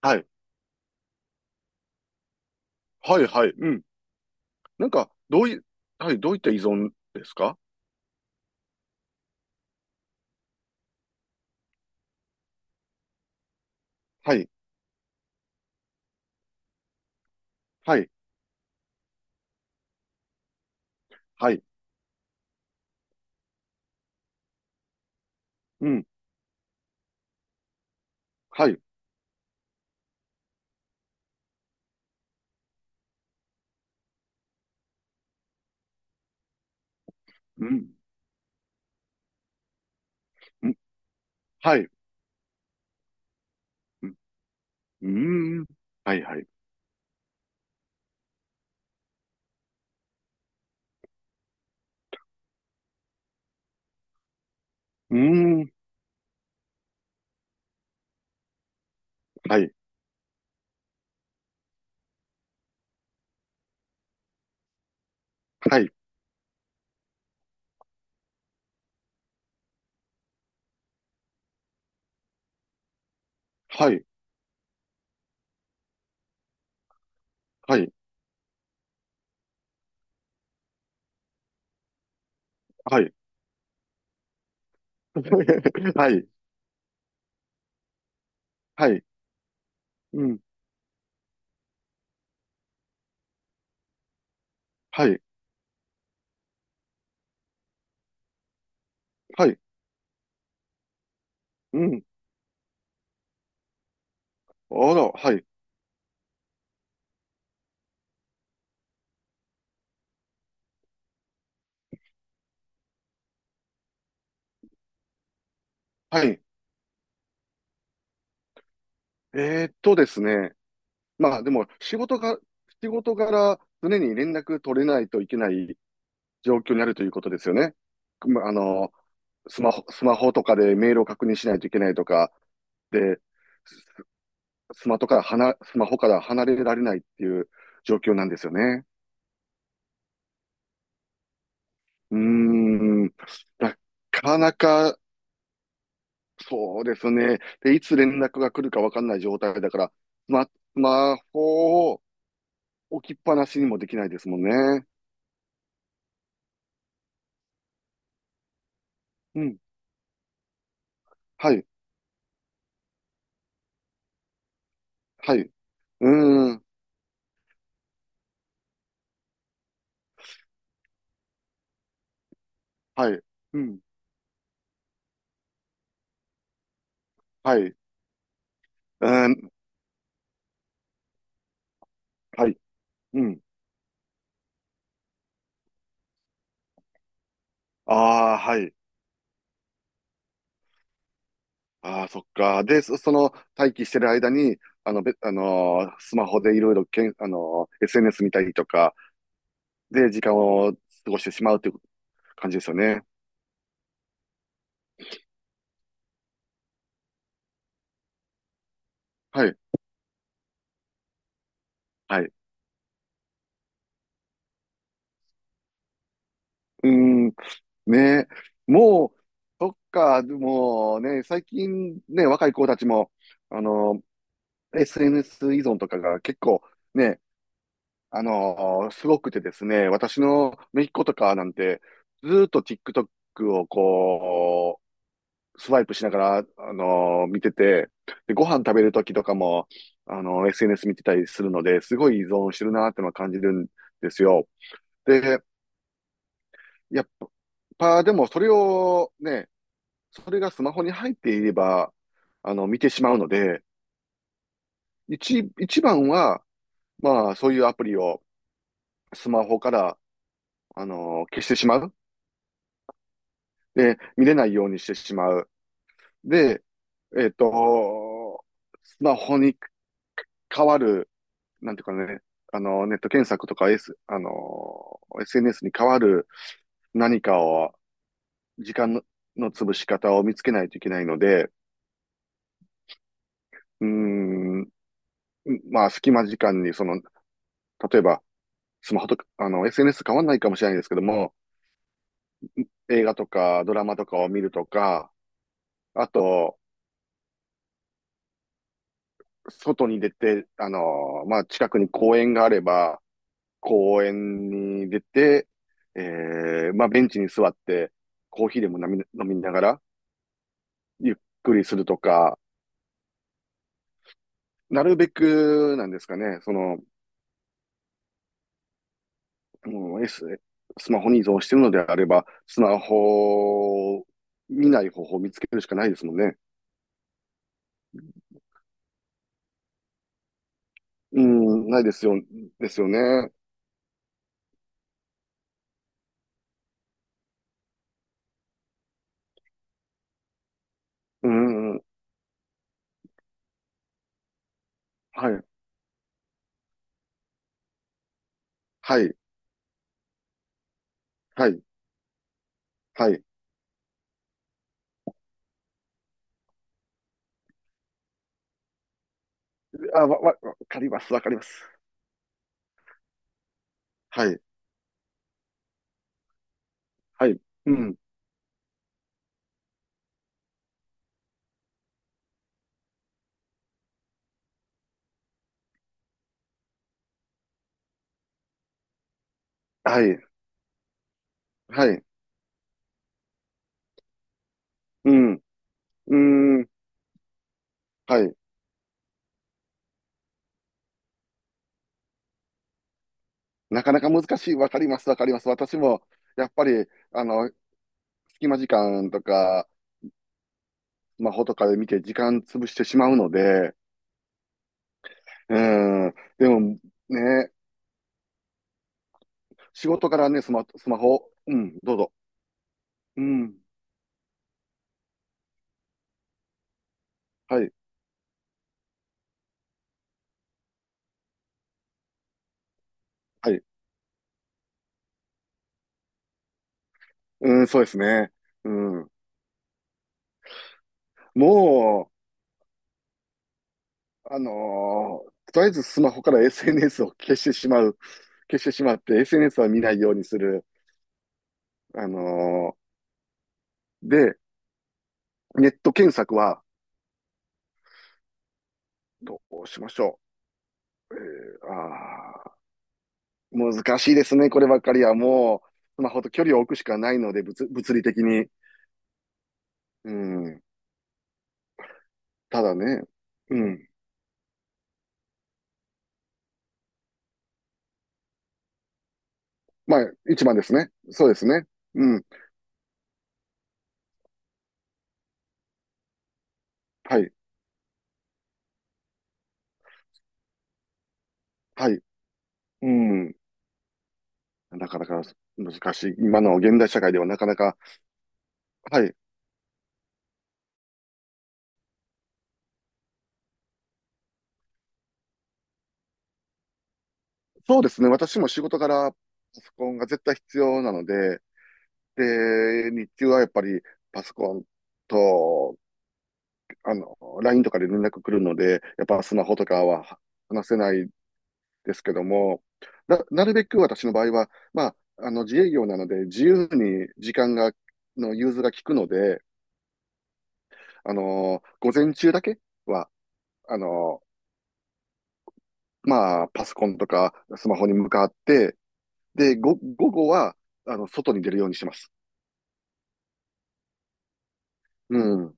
はい。はい、はい。うん。なんか、どうい、はい、どういった依存ですか？はい、はい、はい。うん、はい。うん、うん、はい。うん、うーん、はい、はい。うーん、はい、はい、はい、はい、はい。はい、はい、うん、はい、はい、うん。あら、はい、はい。ですね。まあ、でも、仕事柄、常に連絡取れないといけない状況にあるということですよね。まあ、あの、スマホとかでメールを確認しないといけないとか、で、スマホから離れられないっていう状況なんですよね。うーん。なかなか、そうですね。で、いつ連絡が来るかわかんない状態だから、スマホを置きっぱなしにもできないですもんね。うん。はい。はい。うーん。はい。うん。はい。うーん。はい。うん。ああ、はい。ああ、そっか。で、その待機してる間に、あの、べ、あのースマホでいろいろけん、あのー SNS 見たりとか、で、時間を過ごしてしまうという感じですよね。はい、はい。うーん、ねえ、もう、そっか。でもね、最近ね、若い子たちも、あのSNS 依存とかが結構ね、すごくてですね、私の姪っ子とかなんて、ずーっと TikTok をスワイプしながら、見てて、で、ご飯食べるときとかも、SNS 見てたりするので、すごい依存してるなーってのは感じるんですよ。で、やっぱ、でもそれをね、それがスマホに入っていれば、見てしまうので、一番は、まあ、そういうアプリをスマホから、消してしまう。で、見れないようにしてしまう。で、えっと、スマホに変わる、なんていうかね、ネット検索とか、S、あの、SNS に変わる何かを、時間の潰し方を見つけないといけないので、うーん、まあ、隙間時間に、その、例えば、スマホとか、SNS 変わんないかもしれないですけども、映画とかドラマとかを見るとか、あと、外に出て、まあ、近くに公園があれば、公園に出て、えまあ、ベンチに座って、コーヒーでも飲みながら、ゆっくりするとか、なるべくなんですかね、その、もう スマホに依存してるのであれば、スマホを見ない方法を見つけるしかないですもんね。うん、ないですよ、ですよね。うん、はい、はい、はい、はい。あ、わかります、わかります。はい、はい、うん、はい、はい、うん、うん、はい。なかなか難しい、わかります、わかります。私も、やっぱり、あの、隙間時間とか、スマホとかで見て時間潰してしまうので、うん、でもね、仕事からね、スマホ、うん、どうぞ。うん、はい、はい、うん、そうですね。うん、もう、とりあえずスマホから SNS を消してしまう、消してしまって、SNS は見ないようにする。あので、ネット検索はどうしましょう。あー難しいですね、こればっかりは。もう、スマホと距離を置くしかないので、物理的に。うん。ただね、うん。まあ、一番ですね。そうですね。うん。はい。はい。うん。なかなか難しい。今の現代社会ではなかなか。はい。そうですね。私も仕事からパソコンが絶対必要なので、で、日中はやっぱりパソコンと、あの、LINE とかで連絡来るので、やっぱスマホとかは話せないですけども、なるべく私の場合は、まあ、自営業なので、自由に時間が、の融通が利くので、午前中だけは、あのまあ、パソコンとかスマホに向かって、で、午後は、外に出るようにします。うん。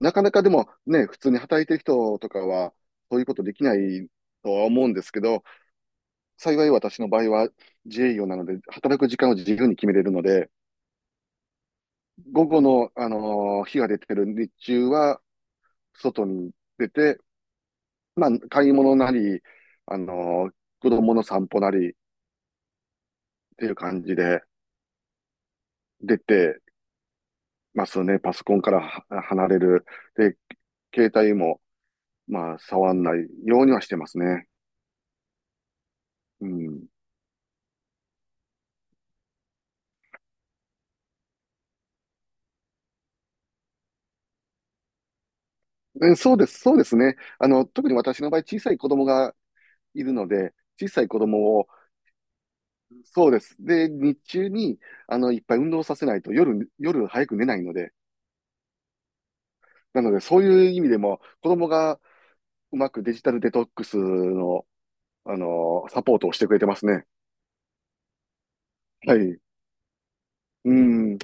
なかなかでもね、普通に働いてる人とかは、そういうことできないとは思うんですけど、幸い私の場合は自営業なので、働く時間を自由に決めれるので、午後の、日が出てる日中は、外に出て、まあ、買い物なり、あのー子供の散歩なりっていう感じで、出てますね。パソコンからは離れる。で、携帯も、まあ、触んないようにはしてますね。うん。そうです、そうですね。特に私の場合、小さい子供がいるので、小さい子供を、そうです。で、日中に、いっぱい運動させないと、夜早く寝ないので、なので、そういう意味でも、子供がうまくデジタルデトックスの、サポートをしてくれてますね。はい。うん。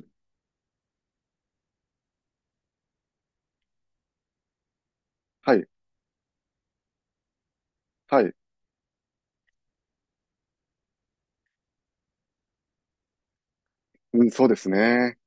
はい。はい。うん、そうですね。